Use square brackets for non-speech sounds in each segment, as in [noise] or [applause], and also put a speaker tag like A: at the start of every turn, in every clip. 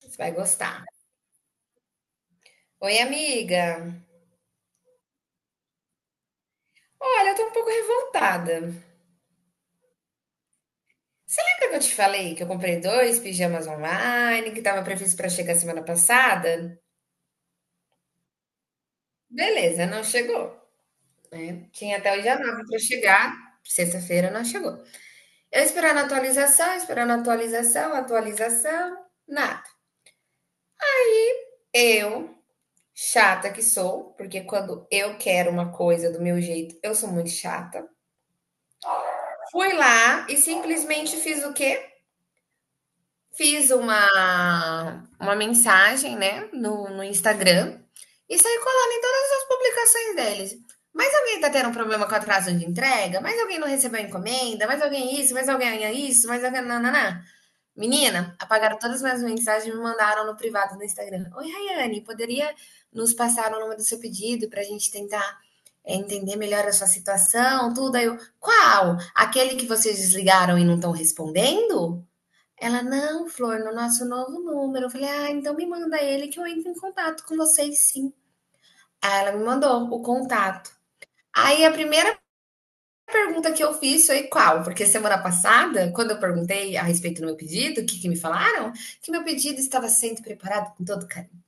A: Você vai gostar. Oi, amiga. Olha, eu tô um pouco revoltada. Você lembra que eu te falei que eu comprei dois pijamas online, que tava previsto pra chegar semana passada? Beleza, não chegou, né? Tinha até o dia 9 para chegar, sexta-feira não chegou. Eu esperando atualização, atualização, nada. Eu, chata que sou, porque quando eu quero uma coisa do meu jeito, eu sou muito chata. Fui lá e simplesmente fiz o quê? Fiz uma mensagem, né, no Instagram e saí colando em todas as publicações deles. Mas alguém tá tendo um problema com atraso de entrega? Mais alguém não recebeu a encomenda? Mais alguém isso, mais alguém isso, mais alguém nã-nã-nã". Menina, apagaram todas as minhas mensagens e me mandaram no privado do Instagram: "Oi, Raiane, poderia nos passar o número do seu pedido pra gente tentar, entender melhor a sua situação, tudo?". Aí eu: "Qual? Aquele que vocês desligaram e não estão respondendo?". Ela, não, Flor, no nosso novo número. Eu falei, ah, então me manda ele que eu entro em contato com vocês, sim. Aí ela me mandou o contato. Aí a primeira pergunta que eu fiz foi qual? Porque semana passada, quando eu perguntei a respeito do meu pedido, o que, que me falaram? Que meu pedido estava sendo preparado com todo carinho.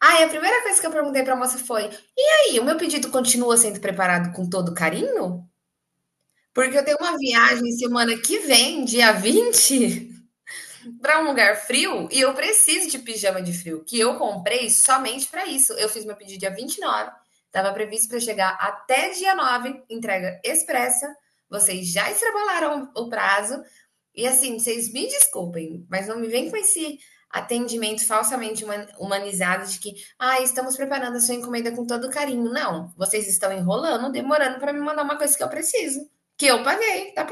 A: Aí ah, a primeira coisa que eu perguntei para a moça foi: "E aí, o meu pedido continua sendo preparado com todo carinho? Porque eu tenho uma viagem semana que vem, dia 20, para um lugar frio e eu preciso de pijama de frio, que eu comprei somente para isso. Eu fiz meu pedido dia 29, estava previsto para chegar até dia 9, entrega expressa. Vocês já extrapolaram o prazo. E assim, vocês me desculpem, mas não me vem com esse atendimento falsamente humanizado de que, ah, estamos preparando a sua encomenda com todo carinho. Não, vocês estão enrolando, demorando para me mandar uma coisa que eu preciso, que eu paguei, tá.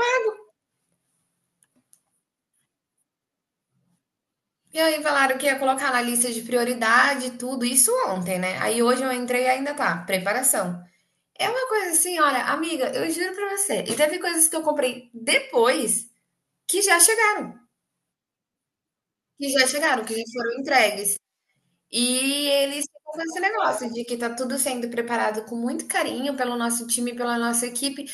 A: E aí falaram que ia colocar na lista de prioridade tudo isso ontem, né? Aí hoje eu entrei e ainda tá, preparação. É uma coisa assim, olha, amiga, eu juro pra você. E teve coisas que eu comprei depois que já chegaram, que já chegaram, que já foram entregues. E eles ficam com esse negócio de que tá tudo sendo preparado com muito carinho pelo nosso time, pela nossa equipe,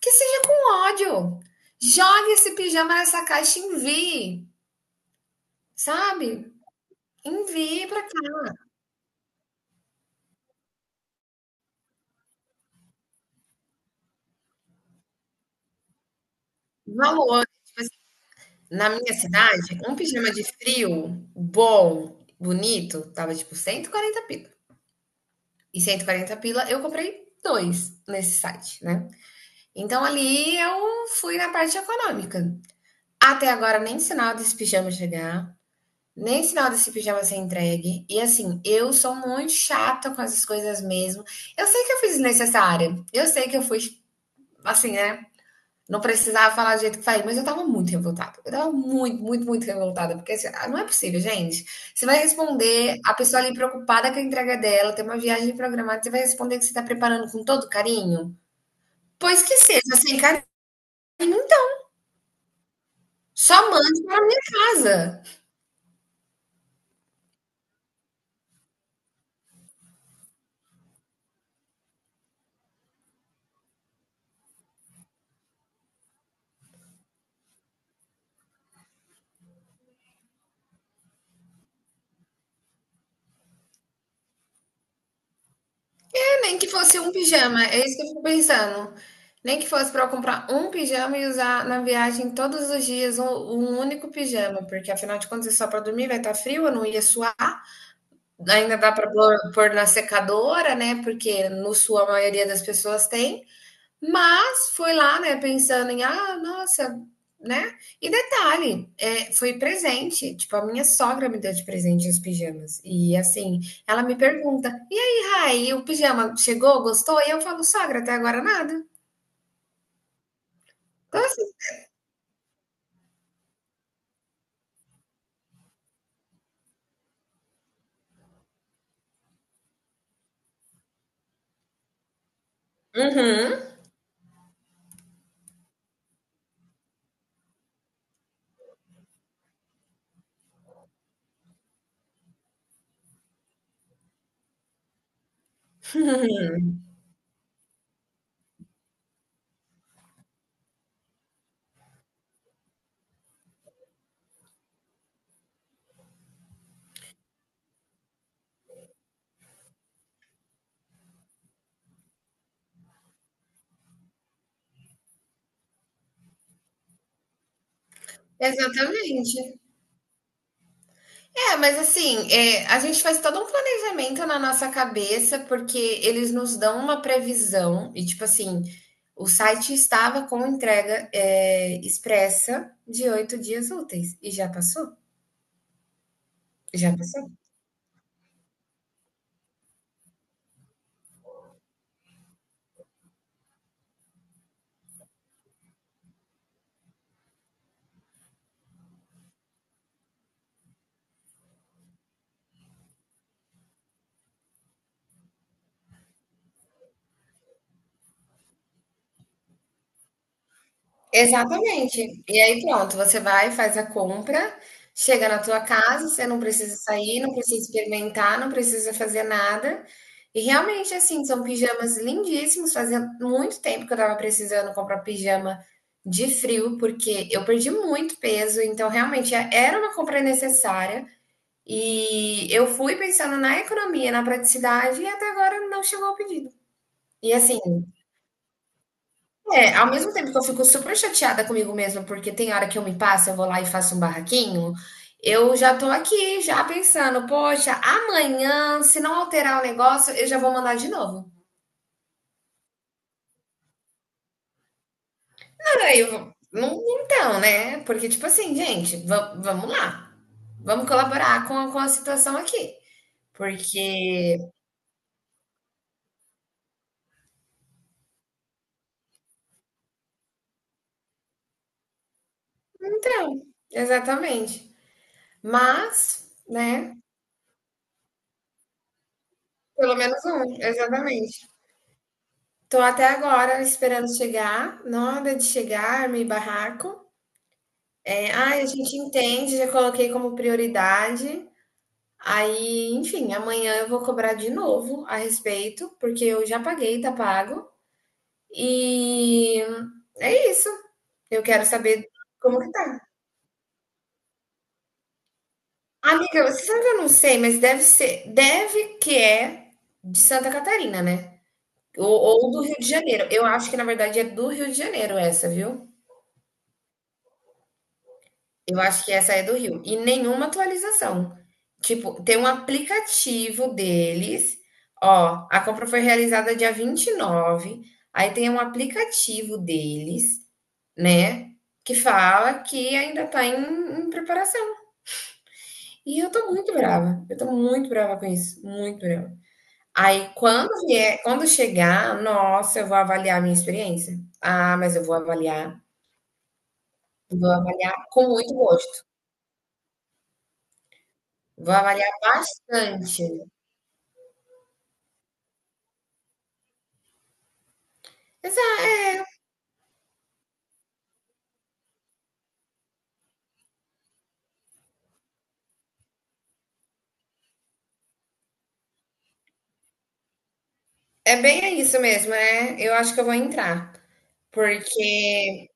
A: que seja com ódio. Jogue esse pijama nessa caixa e envie, sabe? Envie pra cá. Valor. Na minha cidade, um pijama de frio bom, bonito, tava tipo 140 pila. E 140 pila eu comprei 2 nesse site, né. Então ali eu fui na parte econômica. Até agora nem sinal desse pijama chegar, nem sinal desse pijama ser entregue. E assim, eu sou muito chata com essas coisas mesmo. Eu sei que eu fui desnecessária, eu sei que eu fui, assim, né. Não precisava falar do jeito que falei, mas eu tava muito revoltada. Eu tava muito, muito, muito revoltada, porque assim, ah, não é possível, gente. Você vai responder, a pessoa ali preocupada com a entrega dela, tem uma viagem programada, você vai responder que você tá preparando com todo carinho? Pois que seja, sem carinho, então. Só mande pra minha casa. É, nem que fosse um pijama, é isso que eu fico pensando. Nem que fosse pra eu comprar um pijama e usar na viagem todos os dias um único pijama, porque afinal de contas é só pra dormir, vai estar frio, eu não ia suar. Ainda dá para pôr na secadora, né? Porque no sul a maioria das pessoas tem, mas foi lá, né? Pensando em, ah, nossa, né? E detalhe, é, foi presente. Tipo, a minha sogra me deu de presente os pijamas. E assim, ela me pergunta: e aí, Rai, o pijama chegou, gostou? E eu falo: sogra, até agora nada. Então, assim, uhum, exatamente. É, mas assim, é, a gente faz todo um planejamento na nossa cabeça, porque eles nos dão uma previsão, e tipo assim, o site estava com entrega, é, expressa de 8 dias úteis, e já passou, já passou. Exatamente. E aí pronto, você vai, faz a compra, chega na tua casa, você não precisa sair, não precisa experimentar, não precisa fazer nada. E realmente, assim, são pijamas lindíssimos. Fazia muito tempo que eu estava precisando comprar pijama de frio, porque eu perdi muito peso, então realmente era uma compra necessária. E eu fui pensando na economia, na praticidade, e até agora não chegou o pedido. E assim, é, ao mesmo tempo que eu fico super chateada comigo mesma, porque tem hora que eu me passo, eu vou lá e faço um barraquinho, eu já tô aqui, já pensando, poxa, amanhã, se não alterar o negócio, eu já vou mandar de novo. Aí eu não, então, né? Porque, tipo assim, gente, vamos lá. Vamos colaborar com a situação aqui. Porque. Então, exatamente. Mas, né? Pelo menos um, exatamente. Tô até agora esperando chegar, nada de chegar, armei barraco. É, ai, a gente entende, já coloquei como prioridade. Aí, enfim, amanhã eu vou cobrar de novo a respeito, porque eu já paguei, tá pago. E é isso. Eu quero saber como que tá. Amiga, você sabe que eu não sei, mas deve que é de Santa Catarina, né? Ou do Rio de Janeiro. Eu acho que, na verdade, é do Rio de Janeiro essa, viu? Eu acho que essa é do Rio. E nenhuma atualização. Tipo, tem um aplicativo deles, ó, a compra foi realizada dia 29. Aí tem um aplicativo deles, né, que fala que ainda tá em preparação. E eu tô muito brava, eu tô muito brava com isso, muito brava. Aí quando vier, quando chegar, nossa, eu vou avaliar a minha experiência. Ah, mas eu vou avaliar com muito gosto. Vou avaliar bastante. É bem isso mesmo, é. Eu acho que eu vou entrar. Porque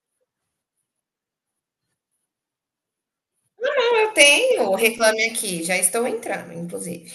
A: não, eu tenho o Reclame Aqui, já estou entrando, inclusive.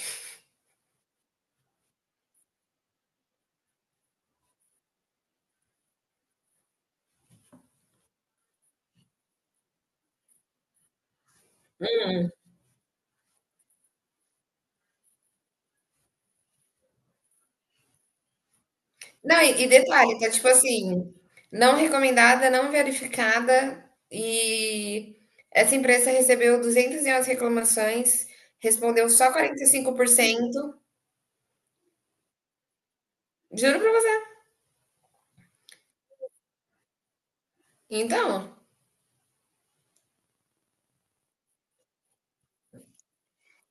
A: Não, e detalhe, tá tipo assim, não recomendada, não verificada, e essa empresa recebeu 211 reclamações, respondeu só 45%. Juro pra você. Então,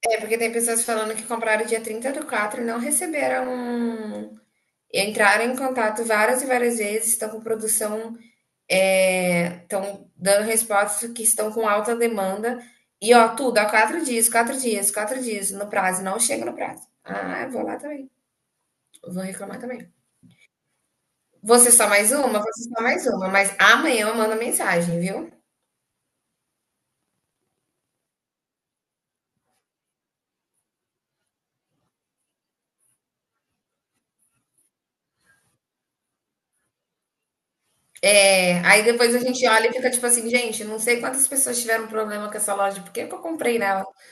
A: é porque tem pessoas falando que compraram dia 30 do 4 e não receberam. Um, entraram em contato várias e várias vezes, estão com produção. É, estão dando respostas que estão com alta demanda. E, ó, tudo, há 4 dias, 4 dias, 4 dias no prazo. Não chega no prazo. Ah, eu vou lá também. Eu vou reclamar também. Você só mais uma? Você só mais uma. Mas amanhã eu mando mensagem, viu? É, aí depois a gente olha e fica tipo assim, gente, não sei quantas pessoas tiveram problema com essa loja, por que que eu comprei nela? [laughs]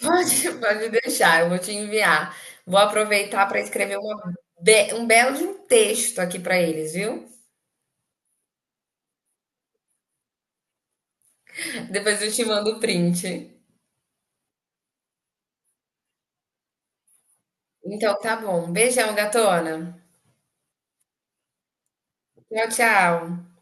A: Pode, pode deixar, eu vou te enviar. Vou aproveitar para escrever uma um belo de um texto aqui para eles, viu? Depois eu te mando o print. Então tá bom. Beijão, gatona. Tchau, tchau.